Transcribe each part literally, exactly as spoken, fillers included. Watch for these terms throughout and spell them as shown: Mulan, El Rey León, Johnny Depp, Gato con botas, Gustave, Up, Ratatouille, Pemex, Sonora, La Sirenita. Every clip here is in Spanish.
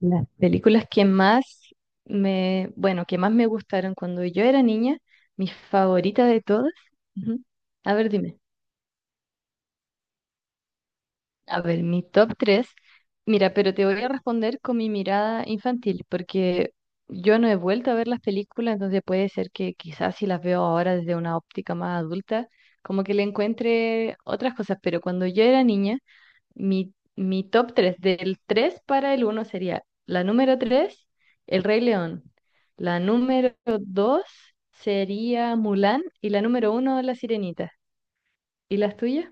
Las películas que más me, bueno, que más me gustaron cuando yo era niña, mi favorita de todas. Ujú. A ver, dime. A ver, mi top tres. Mira, pero te voy a responder con mi mirada infantil, porque yo no he vuelto a ver las películas, entonces puede ser que quizás si las veo ahora desde una óptica más adulta, como que le encuentre otras cosas, pero cuando yo era niña, Mi, mi top tres del tres para el uno sería la número tres: El Rey León. La número dos sería Mulan, y la número uno, La Sirenita. ¿Y las tuyas?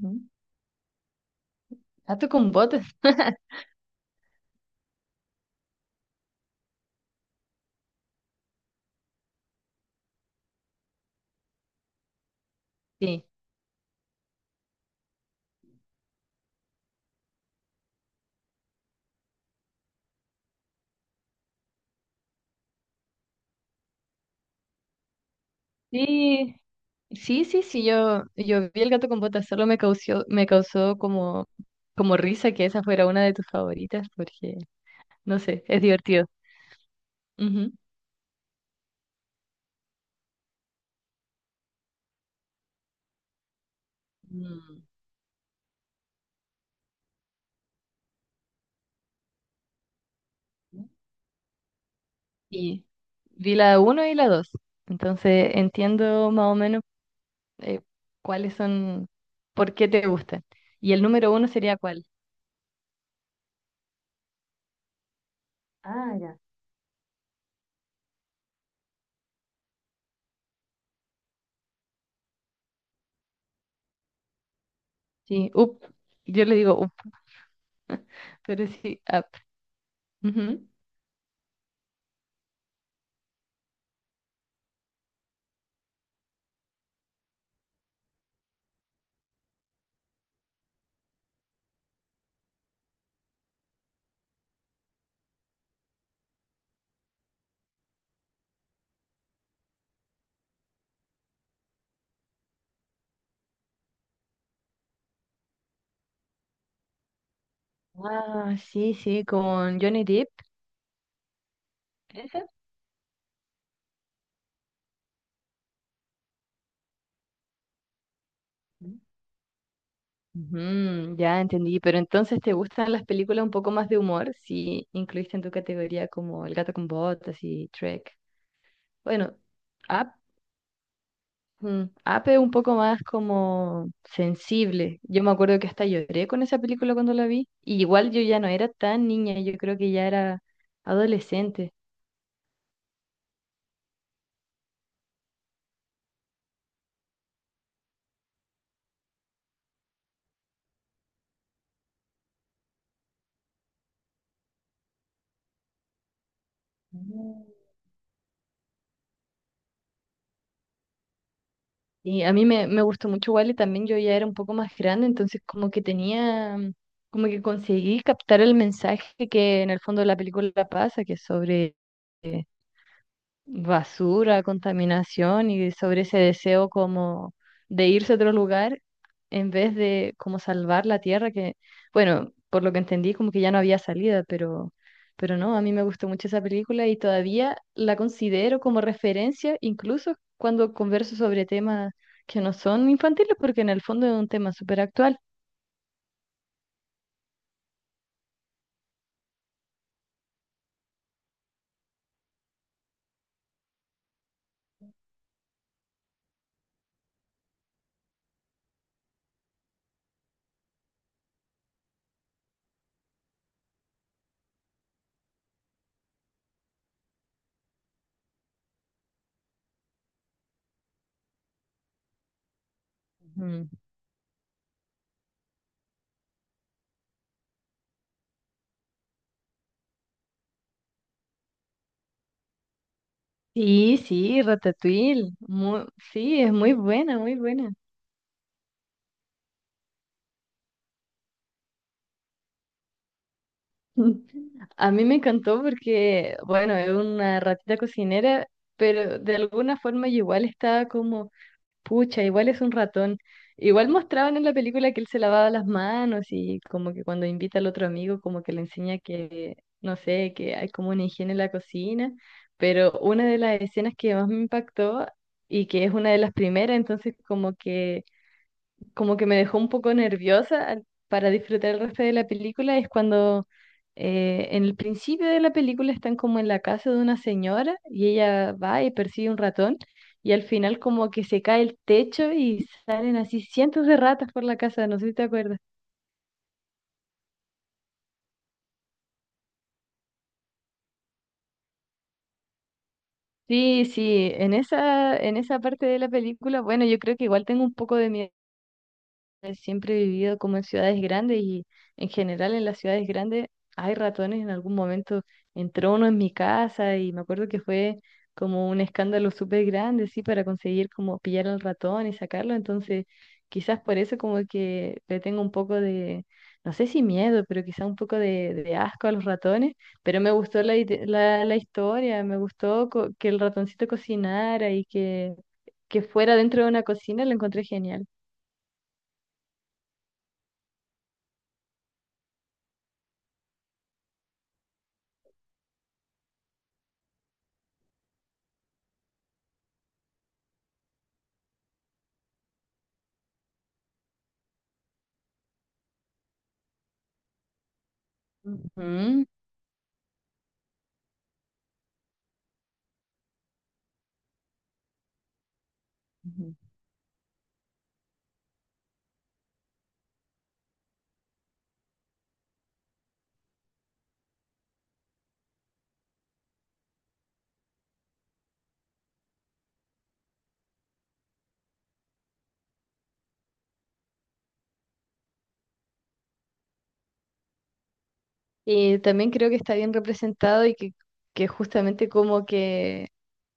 Ujú. Gato con botas, sí. Sí, sí, sí, sí, yo, yo vi el gato con botas, solo me causó, me causó como, como risa que esa fuera una de tus favoritas, porque, no sé, es divertido. Ujú. Mm. Y vi la uno y la dos. Entonces entiendo más o menos, eh, cuáles son, por qué te gustan. ¿Y el número uno sería cuál? Ah, ya. Sí, up. Yo le digo up, pero sí, up. Ujú. Ah, sí, sí, con Johnny Depp. ¿Esa? Mm. Ujú, ya entendí, pero entonces te gustan las películas un poco más de humor, si incluiste en tu categoría como El gato con botas y Trek. Bueno, Up. Mm, Ape es un poco más como sensible. Yo me acuerdo que hasta lloré con esa película cuando la vi. Y igual yo ya no era tan niña, yo creo que ya era adolescente. Mm. Y a mí me, me gustó mucho igual, y también yo ya era un poco más grande, entonces como que tenía, mm, como que conseguí captar el mensaje que en el fondo de la película pasa, que es sobre basura, contaminación y sobre ese deseo como de irse a otro lugar en vez de como salvar la tierra que, bueno, por lo que entendí como que ya no había salida, pero, pero no, a mí me gustó mucho esa película y todavía la considero como referencia, incluso cuando converso sobre temas que no son infantiles porque en el fondo es un tema súper actual. Ujú. Sí, sí, Ratatouille, muy- sí, es muy buena, muy buena. A mí me encantó porque, bueno, es una ratita cocinera, pero de alguna forma yo igual estaba como, pucha, igual es un ratón. Igual mostraban en la película que él se lavaba las manos, y como que cuando invita al otro amigo, como que le enseña que, no sé, que hay como una higiene en la cocina, pero una de las escenas que más me impactó, y que es una de las primeras, entonces como que como que me dejó un poco nerviosa al- para disfrutar el resto de la película, es cuando, eh, en el principio de la película, están como en la casa de una señora, y ella va y persigue un ratón, y al final como que se cae el techo y salen así cientos de ratas por la casa, no sé si te acuerdas. Sí, sí, en esa, en esa parte de la película, bueno, yo creo que igual tengo un poco de miedo. Siempre he vivido como en ciudades grandes, y en general en las ciudades grandes hay ratones. En algún momento entró uno en mi casa y me acuerdo que fue como un escándalo súper grande, sí, para conseguir como pillar al ratón y sacarlo. Entonces, quizás por eso como que le tengo un poco de, no sé si miedo, pero quizás un poco de, de asco a los ratones. Pero me gustó la, ide- la, la historia, me gustó co- que el ratoncito cocinara, y que, que fuera dentro de una cocina, lo encontré genial. Ujú. Ujú. Y también creo que está bien representado, y que, que justamente como que,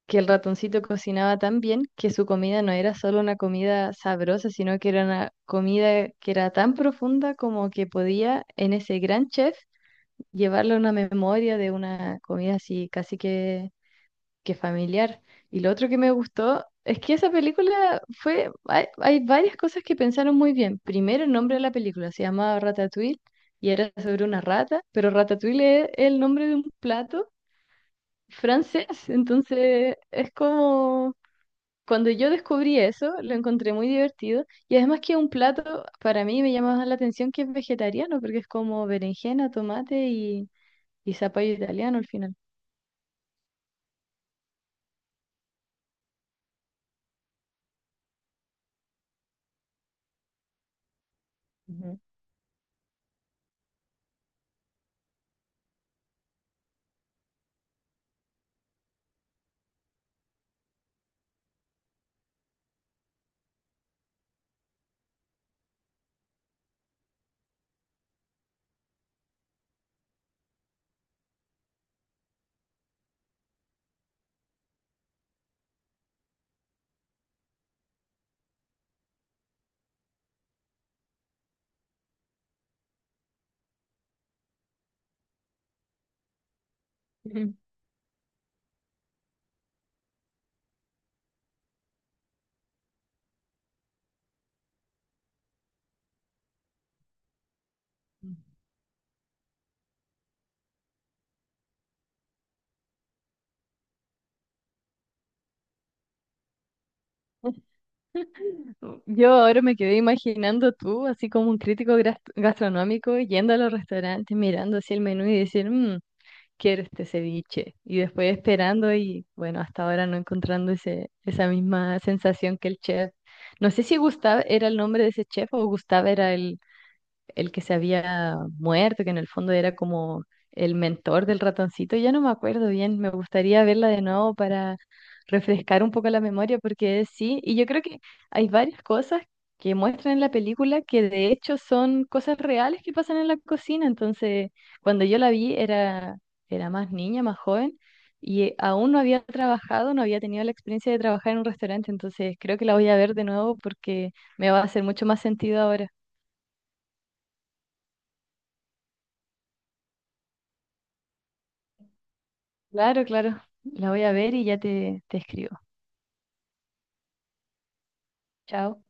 que el ratoncito cocinaba tan bien que su comida no era solo una comida sabrosa, sino que era una comida que era tan profunda, como que podía en ese gran chef llevarle una memoria de una comida así, casi que qué familiar. Y lo otro que me gustó es que esa película fue, hay, hay varias cosas que pensaron muy bien. Primero, el nombre de la película se llamaba Ratatouille y era sobre una rata, pero Ratatouille es el nombre de un plato francés. Entonces, es como, cuando yo descubrí eso, lo encontré muy divertido. Y además que un plato, para mí me llamaba la atención que es vegetariano, porque es como berenjena, tomate y, y zapallo italiano al final. Ujú. Ujú. Yo ahora me quedé imaginando tú, así como un crítico gras- gastronómico, yendo a los restaurantes, mirando así el menú y decir, "Mm, quiero este ceviche". Y después esperando y bueno, hasta ahora no encontrando ese, esa misma sensación que el chef. No sé si Gustave era el nombre de ese chef o Gustave era el que se había muerto, que en el fondo era como el mentor del ratoncito, ya no me acuerdo bien, me gustaría verla de nuevo para refrescar un poco la memoria, porque sí, y yo creo que hay varias cosas que muestran en la película que de hecho son cosas reales que pasan en la cocina, entonces cuando yo la vi era, era más niña, más joven. Y eh, aún no había trabajado, no había tenido la experiencia de trabajar en un restaurante, entonces creo que la voy a ver de nuevo porque me va a hacer mucho más sentido ahora. Claro, claro. La voy a ver y ya te, te escribo. Chao.